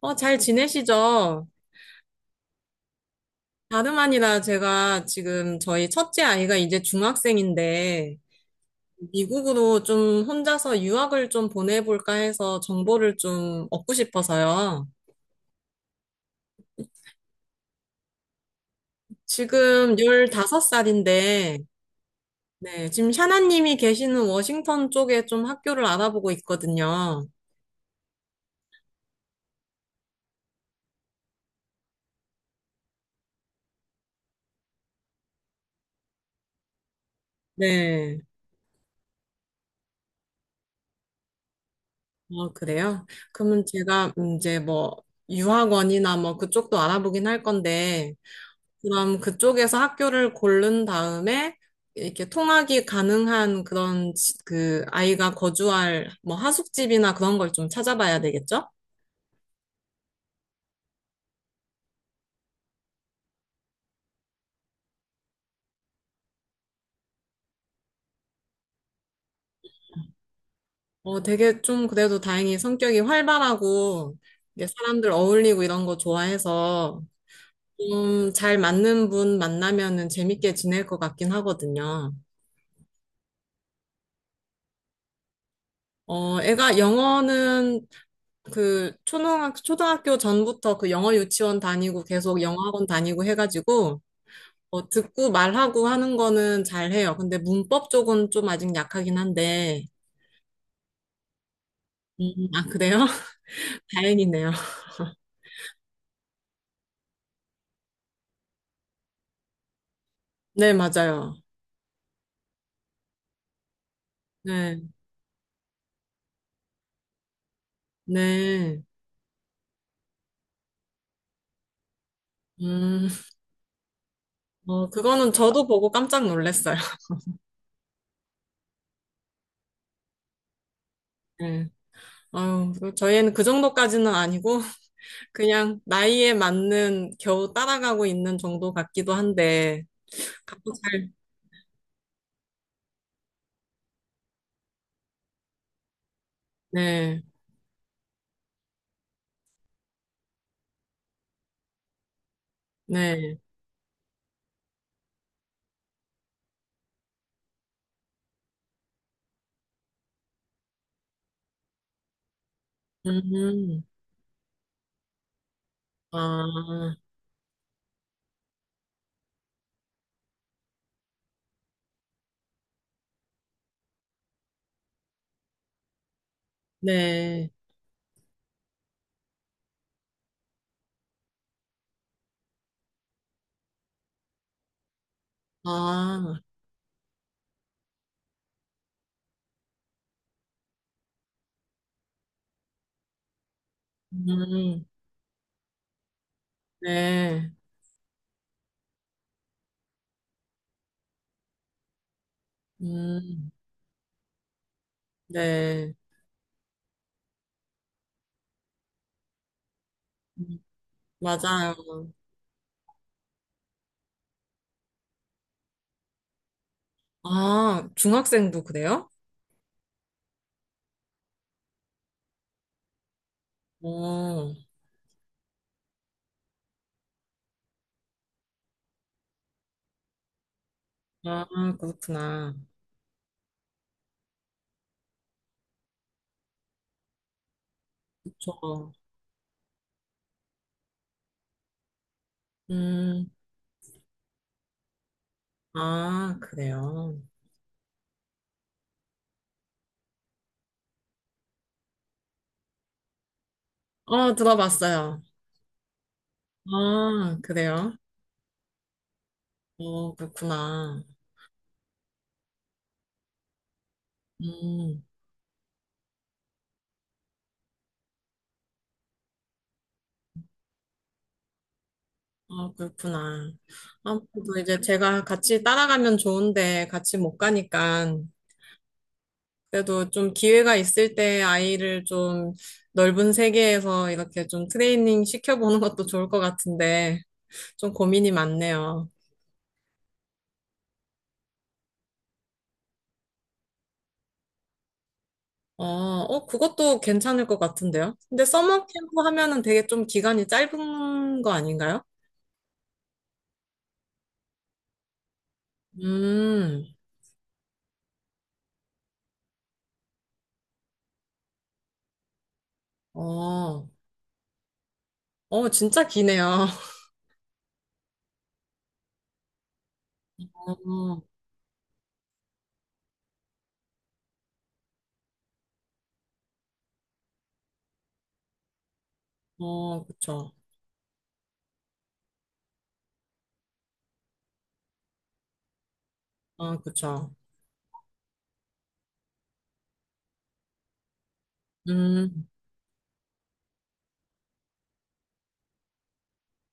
어, 잘 지내시죠? 다름 아니라 제가 지금 저희 첫째 아이가 이제 중학생인데, 미국으로 좀 혼자서 유학을 좀 보내볼까 해서 정보를 좀 얻고 싶어서요. 지금 15살인데, 네, 지금 샤나님이 계시는 워싱턴 쪽에 좀 학교를 알아보고 있거든요. 네, 어, 그래요? 그러면 제가 이제 뭐, 유학원이나 뭐 그쪽도 알아보긴 할 건데, 그럼 그쪽에서 학교를 고른 다음에 이렇게 통학이 가능한 그런 그 아이가 거주할 뭐 하숙집이나 그런 걸 좀 찾아봐야 되겠죠? 어, 되게 좀 그래도 다행히 성격이 활발하고 이게 사람들 어울리고 이런 거 좋아해서 좀 잘 맞는 분 만나면은 재밌게 지낼 것 같긴 하거든요. 어, 애가 영어는 그 초등학교 전부터 그 영어 유치원 다니고 계속 영어 학원 다니고 해가지고 어, 듣고 말하고 하는 거는 잘해요. 근데 문법 쪽은 좀 아직 약하긴 한데. 음, 아, 그래요? 다행이네요. 네, 맞아요. 네, 네. 음, 어, 그거는 저도 보고 깜짝 놀랐어요. 네. 아유, 그 저희는 그 정도까지는 아니고, 그냥 나이에 맞는 겨우 따라가고 있는 정도 같기도 한데, 갖고 잘, 네, 네. 음, 아, 네. 아, 음, 네. 음, 네. 음, 맞아요. 아, 중학생도 그래요? 어, 아, 그렇구나. 저, 음, 아, 그래요. 어, 들어봤어요. 아, 그래요? 어, 그렇구나. 음, 아, 그렇구나. 아무래도 이제 제가 같이 따라가면 좋은데 같이 못 가니까 그래도 좀 기회가 있을 때 아이를 좀 넓은 세계에서 이렇게 좀 트레이닝 시켜보는 것도 좋을 것 같은데 좀 고민이 많네요. 어, 어, 그것도 괜찮을 것 같은데요. 근데 서머 캠프 하면은 되게 좀 기간이 짧은 거 아닌가요? 음, 어, 어, 진짜 기네요. 어, 어, 그쵸. 아, 그쵸. 음,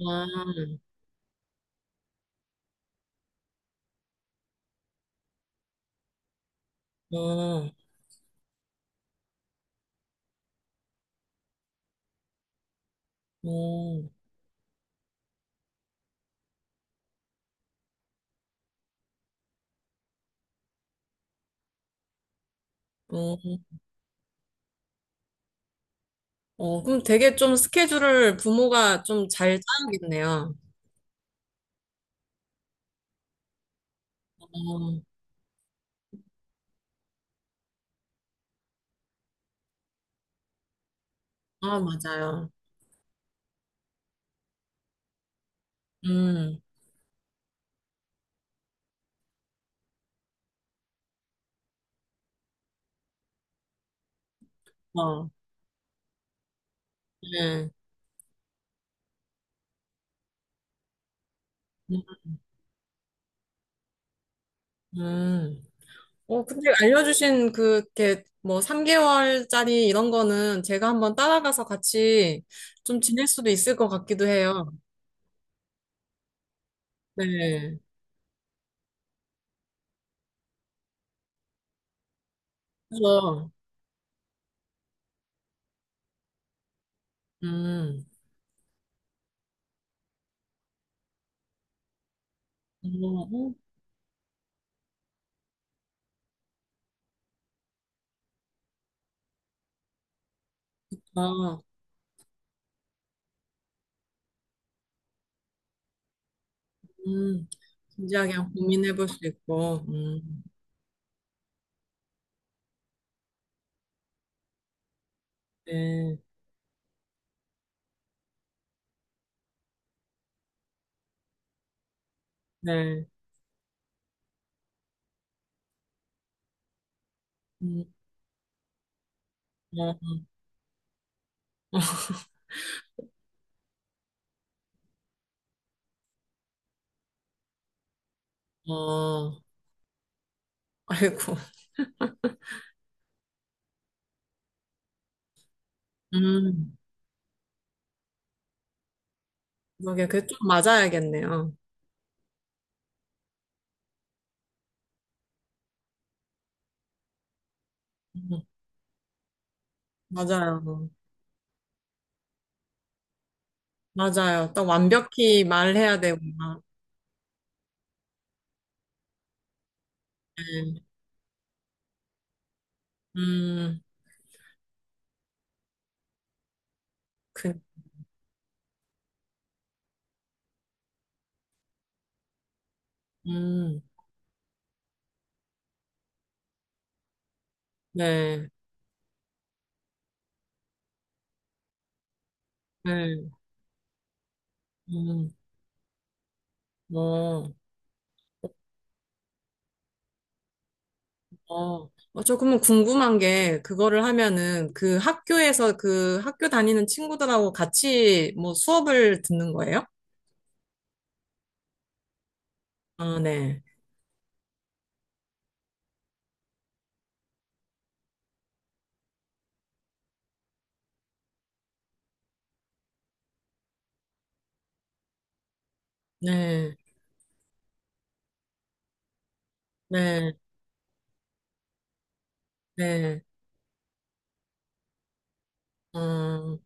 아, 어, 어, 어. 어, 그럼 되게 좀 스케줄을 부모가 좀 잘 짜야겠네요. 어, 아, 맞아요. 음, 어, 네. 음. 어, 근데 알려주신 그, 이렇게, 뭐, 3개월짜리 이런 거는 제가 한번 따라가서 같이 좀 지낼 수도 있을 것 같기도 해요. 네. 그래서, 음, 어, 어, 어, 음, 진지하게 한번 고민해 볼 수 있고, 네, 네, 음, 어, 어, 아이고. 음, 그게 그좀 맞아야겠네요. 음, 맞아요. 맞아요. 딱 완벽히 말해야 되고, 나 네. 음, 그, 음, 네, 네, 음, 어, 어. 어, 저 그러면 궁금한 게, 그거를 하면은 그 학교에서 그 학교 다니는 친구들하고 같이 뭐 수업을 듣는 거예요? 아, 네, 네, 네, 네, 어,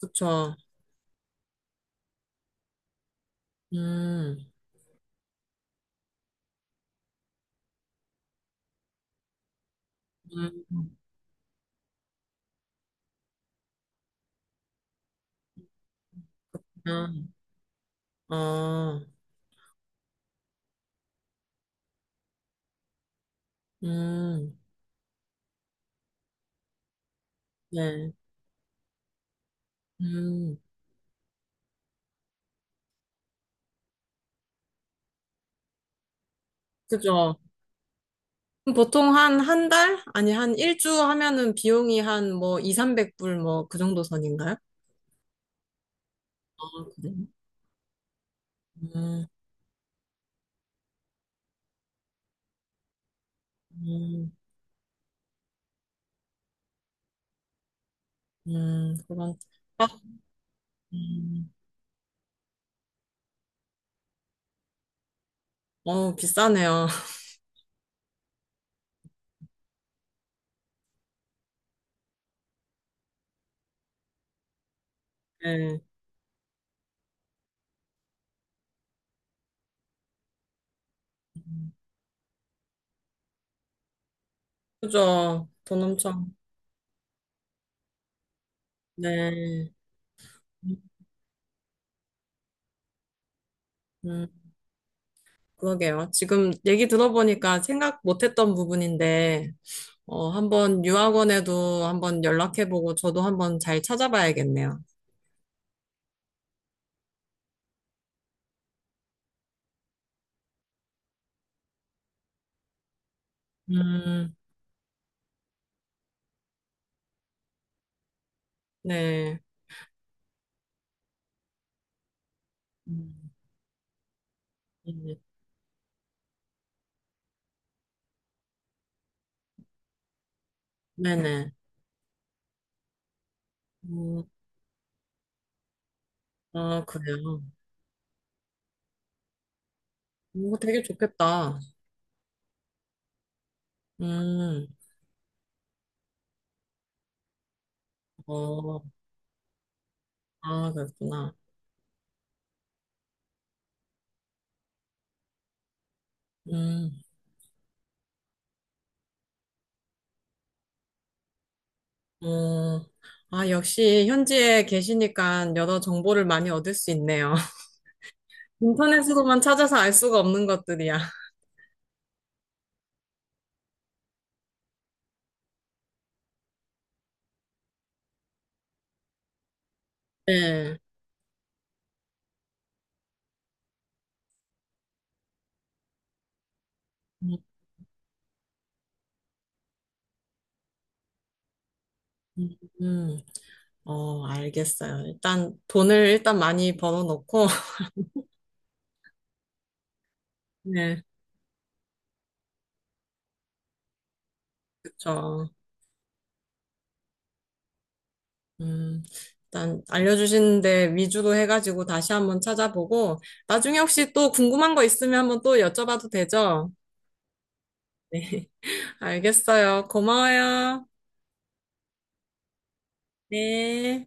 그쵸. 음, 음, 음, 어. 음, 네. 음, 그죠. 그럼 보통 한, 한 달? 아니, 한 일주 하면은 비용이 한 뭐, 2, 300불 뭐, 그 정도 선인가요? 아, 그래요? 음, 음, 그런, 아, 음, 어, 비싸네요. 네. 그죠. 돈 엄청, 네. 음, 음, 그러게요. 지금 얘기 들어보니까 생각 못했던 부분인데, 어, 한번 유학원에도 한번 연락해보고, 저도 한번 잘 찾아봐야겠네요. 음. 네. 음. 음, 네네. 음, 아, 그래요. 뭐 되게 좋겠다. 음, 어, 아, 그렇구나. 음, 어, 아, 역시 현지에 계시니까 여러 정보를 많이 얻을 수 있네요. 인터넷으로만 찾아서 알 수가 없는 것들이야. 네. 음, 음, 음. 어, 알겠어요. 일단 돈을 일단 많이 벌어놓고, 네, 그쵸. 음, 일단 알려주신 데 위주로 해가지고 다시 한번 찾아보고 나중에 혹시 또 궁금한 거 있으면 한번 또 여쭤봐도 되죠? 알겠어요. 고마워요. 네.